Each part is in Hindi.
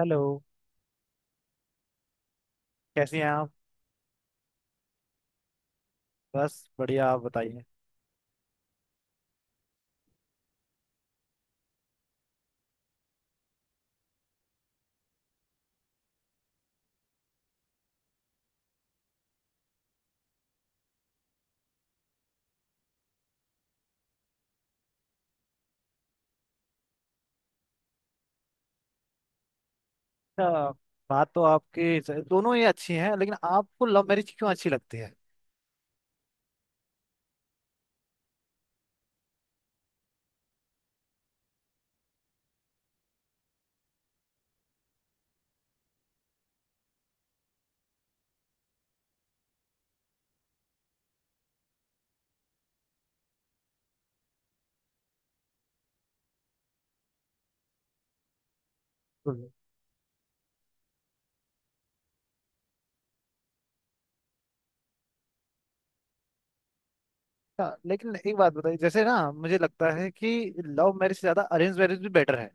हेलो। कैसी हैं आप? बस बढ़िया, आप बताइए। अच्छा, बात तो आपकी दोनों ही अच्छी हैं, लेकिन आपको लव मैरिज क्यों अच्छी लगती है? हम्म। अच्छा, लेकिन एक बात बताइए, जैसे ना मुझे लगता है कि लव मैरिज से ज्यादा अरेंज मैरिज भी बेटर है।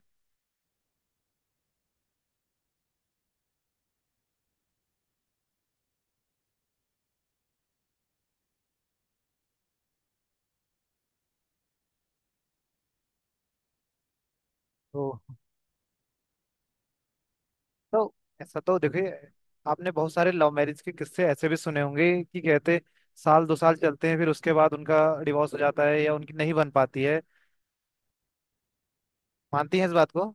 तो तो ऐसा तो देखिए, आपने बहुत सारे लव मैरिज के किस्से ऐसे भी सुने होंगे कि कहते साल दो साल चलते हैं, फिर उसके बाद उनका डिवोर्स हो जाता है या उनकी नहीं बन पाती है। मानती हैं इस बात को?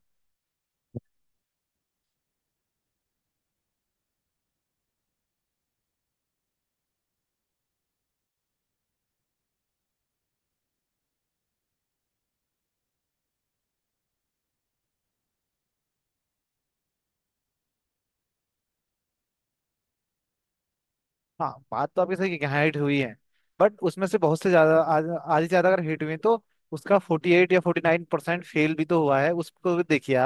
हाँ, बात तो आपकी सही है कि हिट हुई है, बट उसमें से बहुत से ज्यादा आधी से ज्यादा अगर हिट हुई तो उसका 48 या 49% फेल भी तो हुआ है, उसको भी देखिए।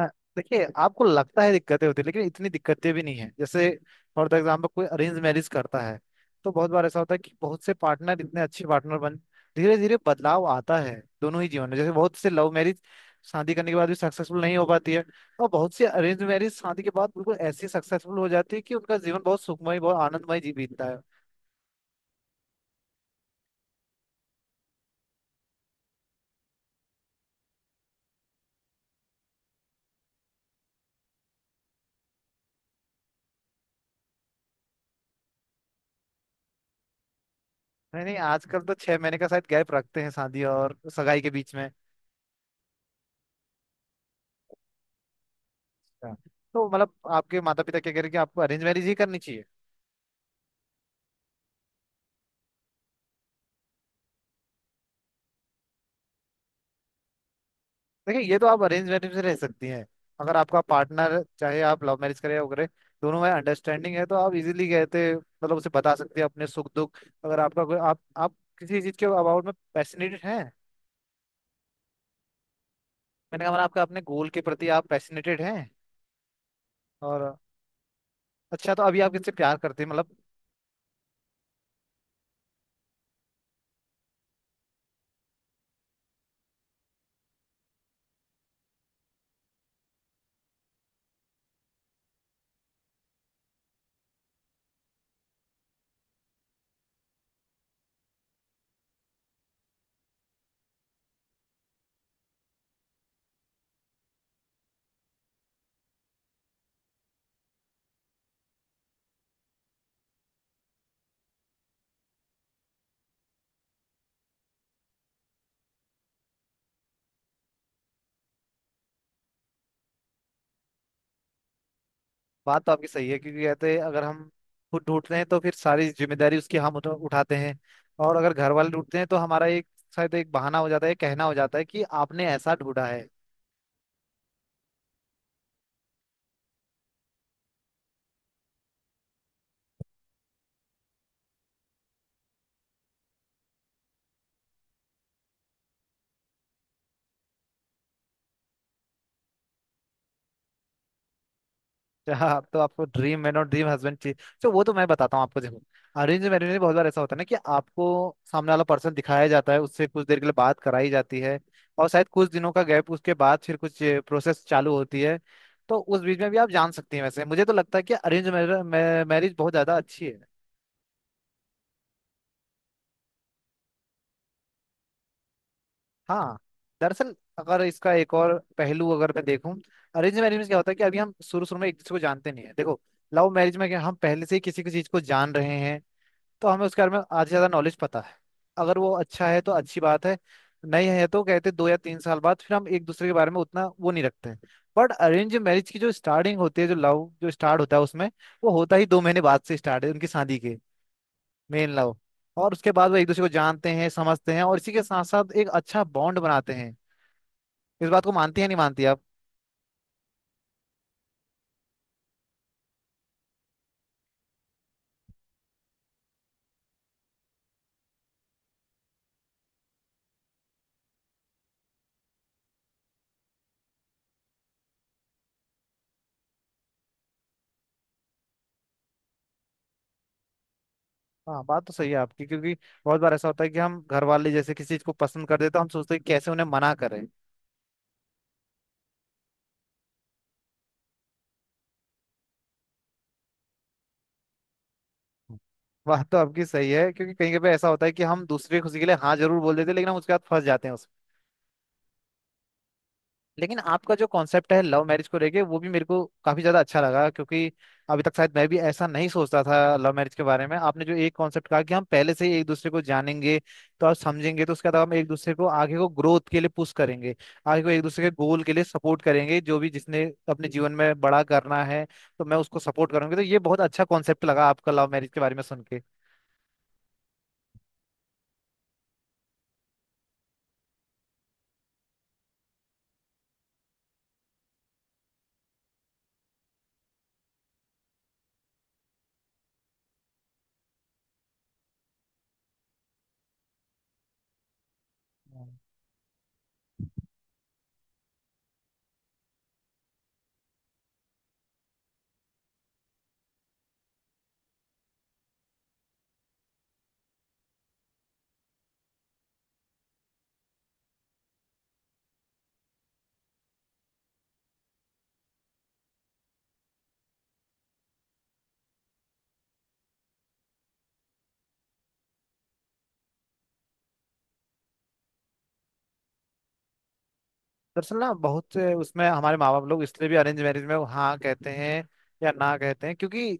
हाँ, देखिए आपको लगता है दिक्कतें होती है, लेकिन इतनी दिक्कतें भी नहीं है। जैसे फॉर द एग्जाम्पल कोई अरेंज मैरिज करता है तो बहुत बार ऐसा होता है कि बहुत से पार्टनर इतने अच्छे पार्टनर बन, धीरे धीरे बदलाव आता है दोनों ही जीवन में। जैसे बहुत से लव मैरिज शादी करने के बाद भी सक्सेसफुल नहीं हो पाती है, और बहुत से अरेंज मैरिज शादी के बाद बिल्कुल ऐसी सक्सेसफुल हो जाती है कि उनका जीवन बहुत सुखमय बहुत आनंदमय जी बीतता है। नहीं नहीं, आजकल तो 6 महीने का शायद गैप रखते हैं शादी और सगाई के बीच में। अच्छा। तो मतलब आपके माता पिता क्या कह रहे हैं कि आपको अरेंज मैरिज ही करनी चाहिए? देखिए, ये तो आप अरेंज मैरिज में रह सकती हैं। अगर आपका पार्टनर चाहे आप लव मैरिज करें या वो करें, दोनों में अंडरस्टैंडिंग है तो आप इजीली कहते मतलब उसे बता सकती हैं अपने सुख दुख। अगर आपका कोई आप किसी चीज के अबाउट में पैशनेटेड हैं? मैंने कहा मतलब आपका अपने गोल के प्रति आप पैशनेटेड हैं? और अच्छा, तो अभी आप किससे प्यार करते हैं, मतलब? बात तो आपकी सही है, क्योंकि कहते हैं अगर हम खुद ढूंढते हैं तो फिर सारी जिम्मेदारी उसकी हम उठाते हैं। और अगर घर वाले ढूंढते हैं तो हमारा एक शायद एक बहाना हो जाता है, कहना हो जाता है कि आपने ऐसा ढूंढा है। हाँ, तो आपको ड्रीम मैन और ड्रीम हस्बैंड चाहिए? तो वो तो मैं बताता हूँ आपको, देखो अरेंज मैरिज में बहुत बार ऐसा होता है ना कि आपको सामने वाला पर्सन दिखाया जाता है, उससे कुछ देर के लिए बात कराई जाती है, और शायद कुछ दिनों का गैप उसके बाद फिर कुछ प्रोसेस चालू होती है। तो उस बीच में भी आप जान सकती हैं। वैसे मुझे तो लगता है कि अरेंज मैरिज बहुत ज्यादा अच्छी है। हाँ, दरअसल अगर इसका एक और पहलू अगर मैं देखूं, अरेंज मैरिज में क्या होता है कि अभी हम शुरू शुरू में एक दूसरे को जानते नहीं है। देखो लव मैरिज में क्या हम पहले से ही किसी किसी चीज को जान रहे हैं, तो हमें उसके बारे में आधे से ज्यादा नॉलेज पता है। अगर वो अच्छा है तो अच्छी बात है, नहीं है तो कहते 2 या 3 साल बाद फिर हम एक दूसरे के बारे में उतना वो नहीं रखते हैं। बट अरेंज मैरिज की जो स्टार्टिंग होती है, जो लव जो स्टार्ट होता है उसमें, वो होता ही 2 महीने बाद से स्टार्ट है उनकी शादी के, मेन लव। और उसके बाद वो एक दूसरे को जानते हैं, समझते हैं, और इसी के साथ साथ एक अच्छा बॉन्ड बनाते हैं। इस बात को मानती है नहीं मानती आप? हाँ, बात तो सही है आपकी, क्योंकि बहुत बार ऐसा होता है कि हम घर वाले जैसे किसी चीज को पसंद कर देते हैं, हम सोचते हैं कि कैसे उन्हें मना करें। बात तो आपकी सही है, क्योंकि कहीं कभी ऐसा होता है कि हम दूसरी खुशी के लिए हाँ जरूर बोल देते हैं, लेकिन हम उसके बाद फंस जाते हैं उसमें। लेकिन आपका जो कॉन्सेप्ट है लव मैरिज को लेके वो भी मेरे को काफी ज्यादा अच्छा लगा, क्योंकि अभी तक शायद मैं भी ऐसा नहीं सोचता था लव मैरिज के बारे में। आपने जो एक कॉन्सेप्ट कहा कि हम पहले से ही एक दूसरे को जानेंगे, तो आप समझेंगे, तो उसके बाद हम एक दूसरे को आगे को ग्रोथ के लिए पुश करेंगे, आगे को एक दूसरे के गोल के लिए सपोर्ट करेंगे। जो भी जिसने अपने जीवन में बड़ा करना है तो मैं उसको सपोर्ट करूंगी, तो ये बहुत अच्छा कॉन्सेप्ट लगा आपका लव मैरिज के बारे में सुन के। दरअसल ना बहुत से उसमें हमारे माँ बाप लोग इसलिए भी अरेंज मैरिज में वो हाँ कहते हैं या ना कहते हैं, क्योंकि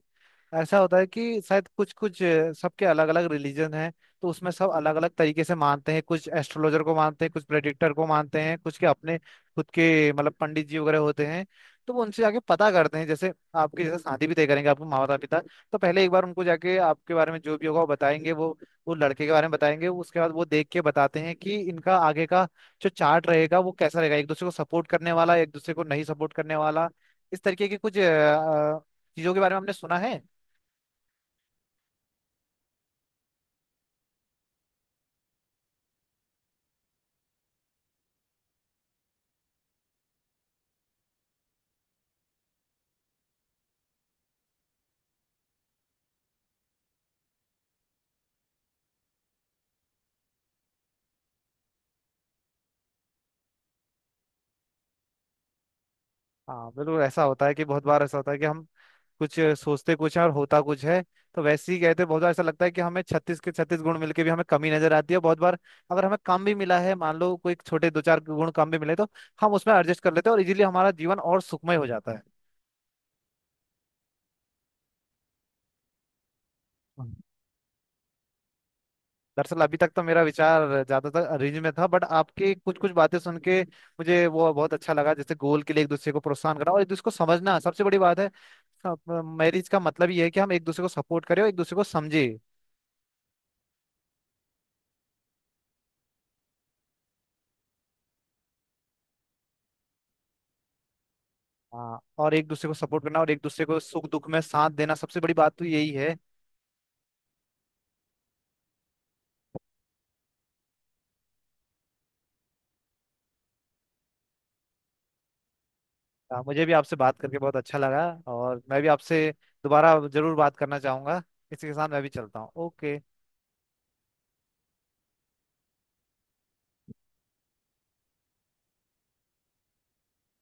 ऐसा होता है कि शायद कुछ कुछ सबके अलग अलग रिलीजन हैं। तो उसमें सब अलग अलग तरीके से मानते हैं, कुछ एस्ट्रोलॉजर को मानते हैं, कुछ प्रेडिक्टर को मानते हैं, कुछ के अपने खुद के मतलब पंडित जी वगैरह होते हैं, तो वो उनसे जाके पता करते हैं। जैसे आपकी जैसे शादी भी तय करेंगे आपके माता पिता, तो पहले एक बार उनको जाके आपके बारे में जो भी होगा वो बताएंगे, वो लड़के के बारे में बताएंगे, उसके बाद वो देख के बताते हैं कि इनका आगे का जो चार्ट रहेगा वो कैसा रहेगा, एक दूसरे को सपोर्ट करने वाला एक दूसरे को नहीं सपोर्ट करने वाला। इस तरीके के कुछ चीजों के बारे में हमने सुना है। हाँ, बिल्कुल ऐसा होता है कि बहुत बार ऐसा होता है कि हम कुछ सोचते कुछ है और होता कुछ है। तो वैसे ही कहते हैं, बहुत बार ऐसा लगता है कि हमें 36 के 36 गुण मिलके भी हमें कमी नजर आती है। बहुत बार अगर हमें कम भी मिला है, मान लो कोई छोटे दो चार गुण कम भी मिले, तो हम उसमें एडजस्ट कर लेते हैं और इजीली हमारा जीवन और सुखमय हो जाता है। दरअसल अभी तक तो मेरा विचार ज्यादातर अरेंज में था, बट आपकी कुछ कुछ बातें सुन के मुझे वो बहुत अच्छा लगा। जैसे गोल के लिए एक दूसरे को प्रोत्साहन करना और एक दूसरे को समझना सबसे बड़ी बात है। मैरिज का मतलब ये है कि हम एक दूसरे को सपोर्ट करें और एक दूसरे को समझे। हाँ, और एक दूसरे को सपोर्ट करना और एक दूसरे को सुख दुख में साथ देना सबसे बड़ी बात तो यही है। हाँ, मुझे भी आपसे बात करके बहुत अच्छा लगा, और मैं भी आपसे दोबारा जरूर बात करना चाहूंगा। इसी के साथ मैं भी चलता हूँ। ओके।